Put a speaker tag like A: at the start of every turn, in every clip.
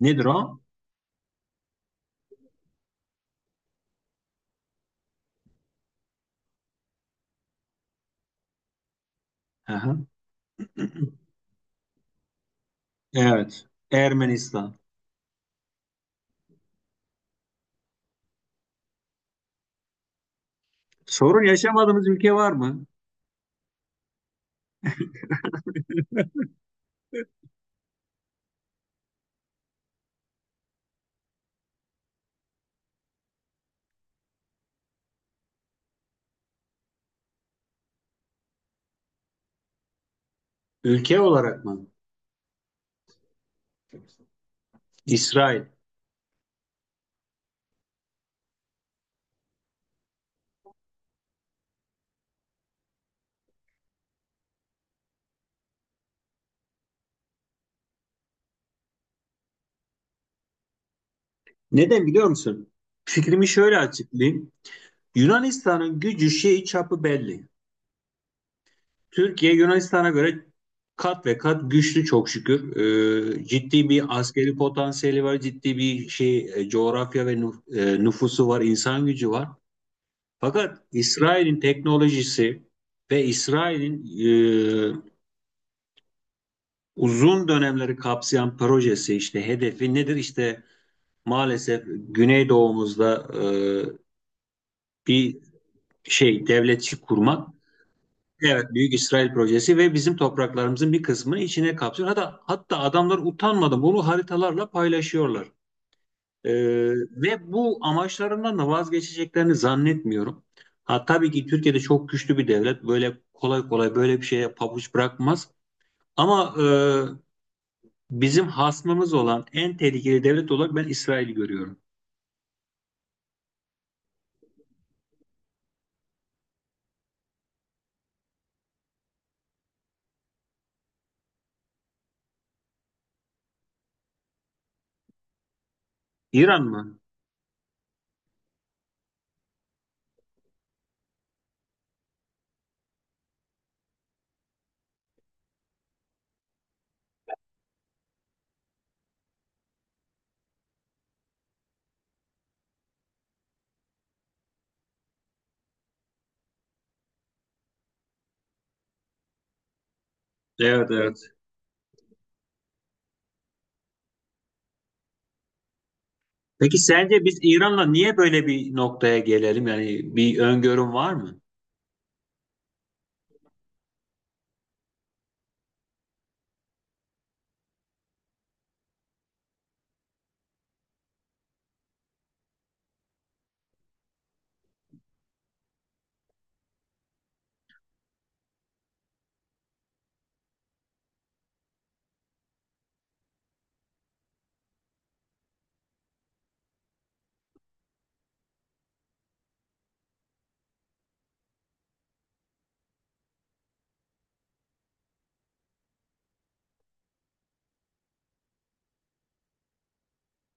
A: Nedir o? Aha. Evet. Ermenistan. Sorun yaşamadığımız ülke var mı? Ülke olarak mı? İsrail. Neden biliyor musun? Fikrimi şöyle açıklayayım. Yunanistan'ın gücü şeyi çapı belli. Türkiye Yunanistan'a göre kat ve kat güçlü çok şükür. Ciddi bir askeri potansiyeli var, ciddi bir şey coğrafya ve nüfusu var, insan gücü var. Fakat İsrail'in teknolojisi ve İsrail'in e, uzun dönemleri kapsayan projesi işte hedefi nedir? İşte maalesef Güneydoğumuzda bir şey devletçi kurmak. Evet, Büyük İsrail projesi ve bizim topraklarımızın bir kısmını içine kapsıyor. Hatta, hatta adamlar utanmadan bunu haritalarla paylaşıyorlar. E, Ve bu amaçlarından da vazgeçeceklerini zannetmiyorum. Ha, tabii ki Türkiye'de çok güçlü bir devlet. Böyle kolay kolay böyle bir şeye pabuç bırakmaz. Ama bizim hasmımız olan en tehlikeli devlet olarak ben İsrail'i görüyorum. İran mı? Evet, evet. Peki sence biz İran'la niye böyle bir noktaya gelelim? Yani bir öngörüm var mı?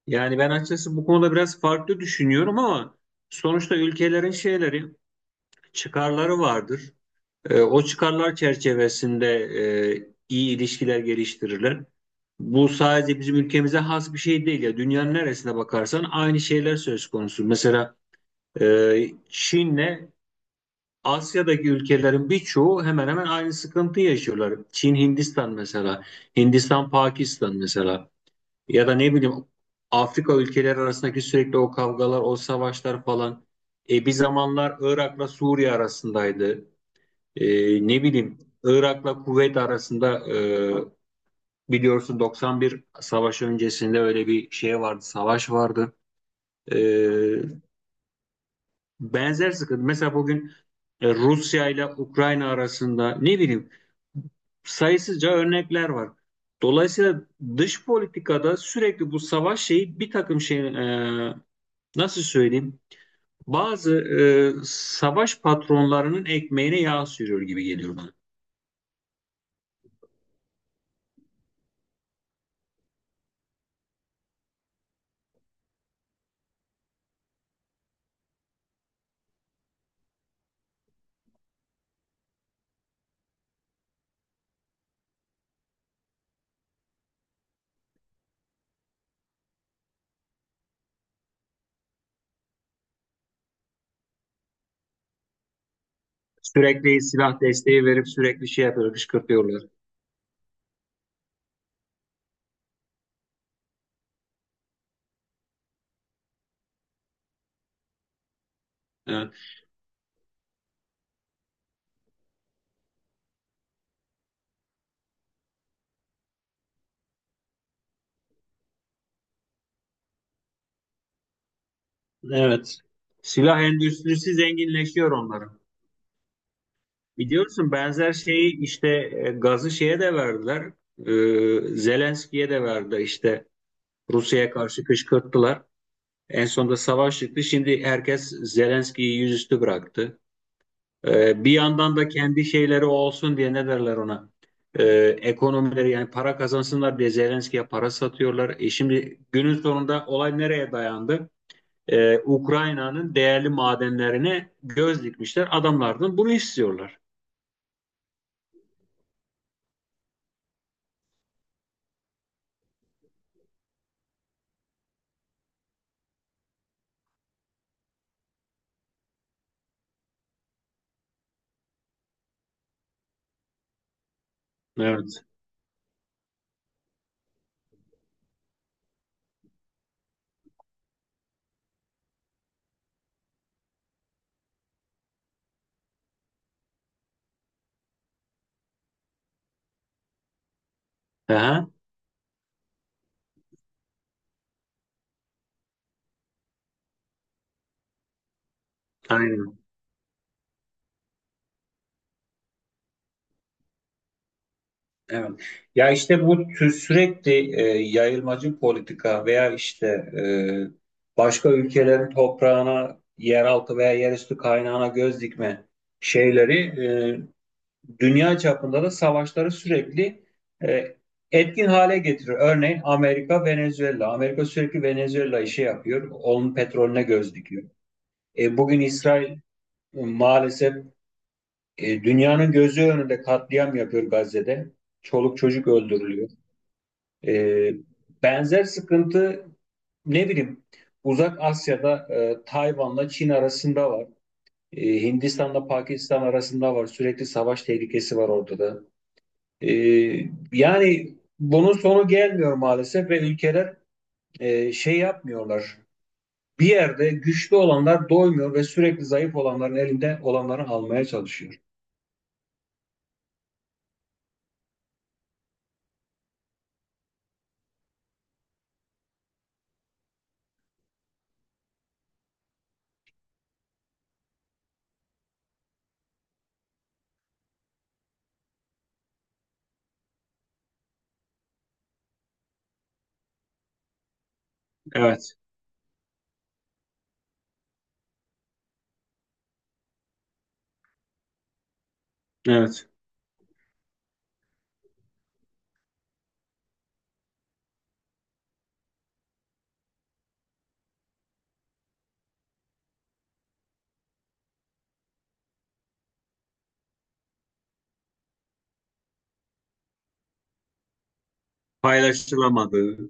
A: Yani ben açıkçası bu konuda biraz farklı düşünüyorum ama sonuçta ülkelerin şeyleri, çıkarları vardır. O çıkarlar çerçevesinde iyi ilişkiler geliştirirler. Bu sadece bizim ülkemize has bir şey değil ya. Dünyanın neresine bakarsan aynı şeyler söz konusu. Mesela Çin'le Asya'daki ülkelerin birçoğu hemen hemen aynı sıkıntıyı yaşıyorlar. Çin, Hindistan mesela, Hindistan, Pakistan mesela, ya da ne bileyim Afrika ülkeleri arasındaki sürekli o kavgalar, o savaşlar falan. Bir zamanlar Irak'la Suriye arasındaydı. Ne bileyim Irak'la Kuveyt arasında, biliyorsun 91 savaşı öncesinde öyle bir şey vardı, savaş vardı. E, Benzer sıkıntı. Mesela bugün Rusya ile Ukrayna arasında, ne bileyim, sayısızca örnekler var. Dolayısıyla dış politikada sürekli bu savaş şeyi bir takım şey, e, nasıl söyleyeyim, bazı savaş patronlarının ekmeğine yağ sürüyor gibi geliyor bana. Sürekli silah desteği verip sürekli şey yapıyorlar, kışkırtıyorlar. E, Evet. Silah endüstrisi zenginleşiyor onların. Biliyorsun benzer şeyi işte gazı şeye de verdiler. Zelenski'ye de verdi işte, Rusya'ya karşı kışkırttılar. En sonunda savaş çıktı. Şimdi herkes Zelenski'yi yüzüstü bıraktı. Bir yandan da kendi şeyleri olsun diye ne derler ona? E, Ekonomileri yani para kazansınlar diye Zelenski'ye para satıyorlar. E şimdi günün sonunda olay nereye dayandı? Ukrayna'nın değerli madenlerine göz dikmişler. Adamlardan bunu istiyorlar. Evet. Aha, aynen. Evet. Ya işte bu sürekli yayılmacı politika veya işte, başka ülkelerin toprağına, yeraltı veya yerüstü kaynağına göz dikme şeyleri dünya çapında da savaşları sürekli e, etkin hale getiriyor. Örneğin Amerika, Venezuela. Amerika sürekli Venezuela'yı şey yapıyor, onun petrolüne göz dikiyor. Bugün İsrail maalesef dünyanın gözü önünde katliam yapıyor Gazze'de. Çoluk çocuk öldürülüyor. E, Benzer sıkıntı, ne bileyim, Uzak Asya'da Tayvan'la Çin arasında var. Hindistan'la Pakistan arasında var. Sürekli savaş tehlikesi var ortada. E, Yani bunun sonu gelmiyor maalesef ve ülkeler şey yapmıyorlar. Bir yerde güçlü olanlar doymuyor ve sürekli zayıf olanların elinde olanları almaya çalışıyor. Evet, evet. Paylaşılamadığı.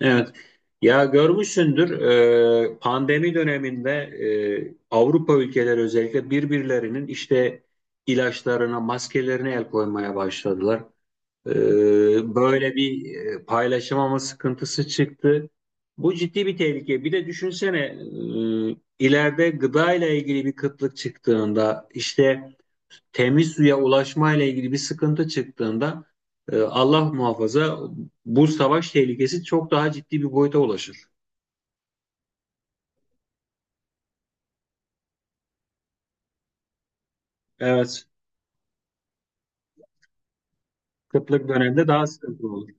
A: Evet. Ya görmüşsündür pandemi döneminde Avrupa ülkeleri özellikle birbirlerinin işte ilaçlarına, maskelerine el koymaya başladılar. Böyle bir paylaşamama sıkıntısı çıktı. Bu ciddi bir tehlike. Bir de düşünsene ileride gıda ile ilgili bir kıtlık çıktığında işte temiz suya ulaşma ile ilgili bir sıkıntı çıktığında, Allah muhafaza, bu savaş tehlikesi çok daha ciddi bir boyuta ulaşır. Evet, kıtlık döneminde daha sıkıntılı olur.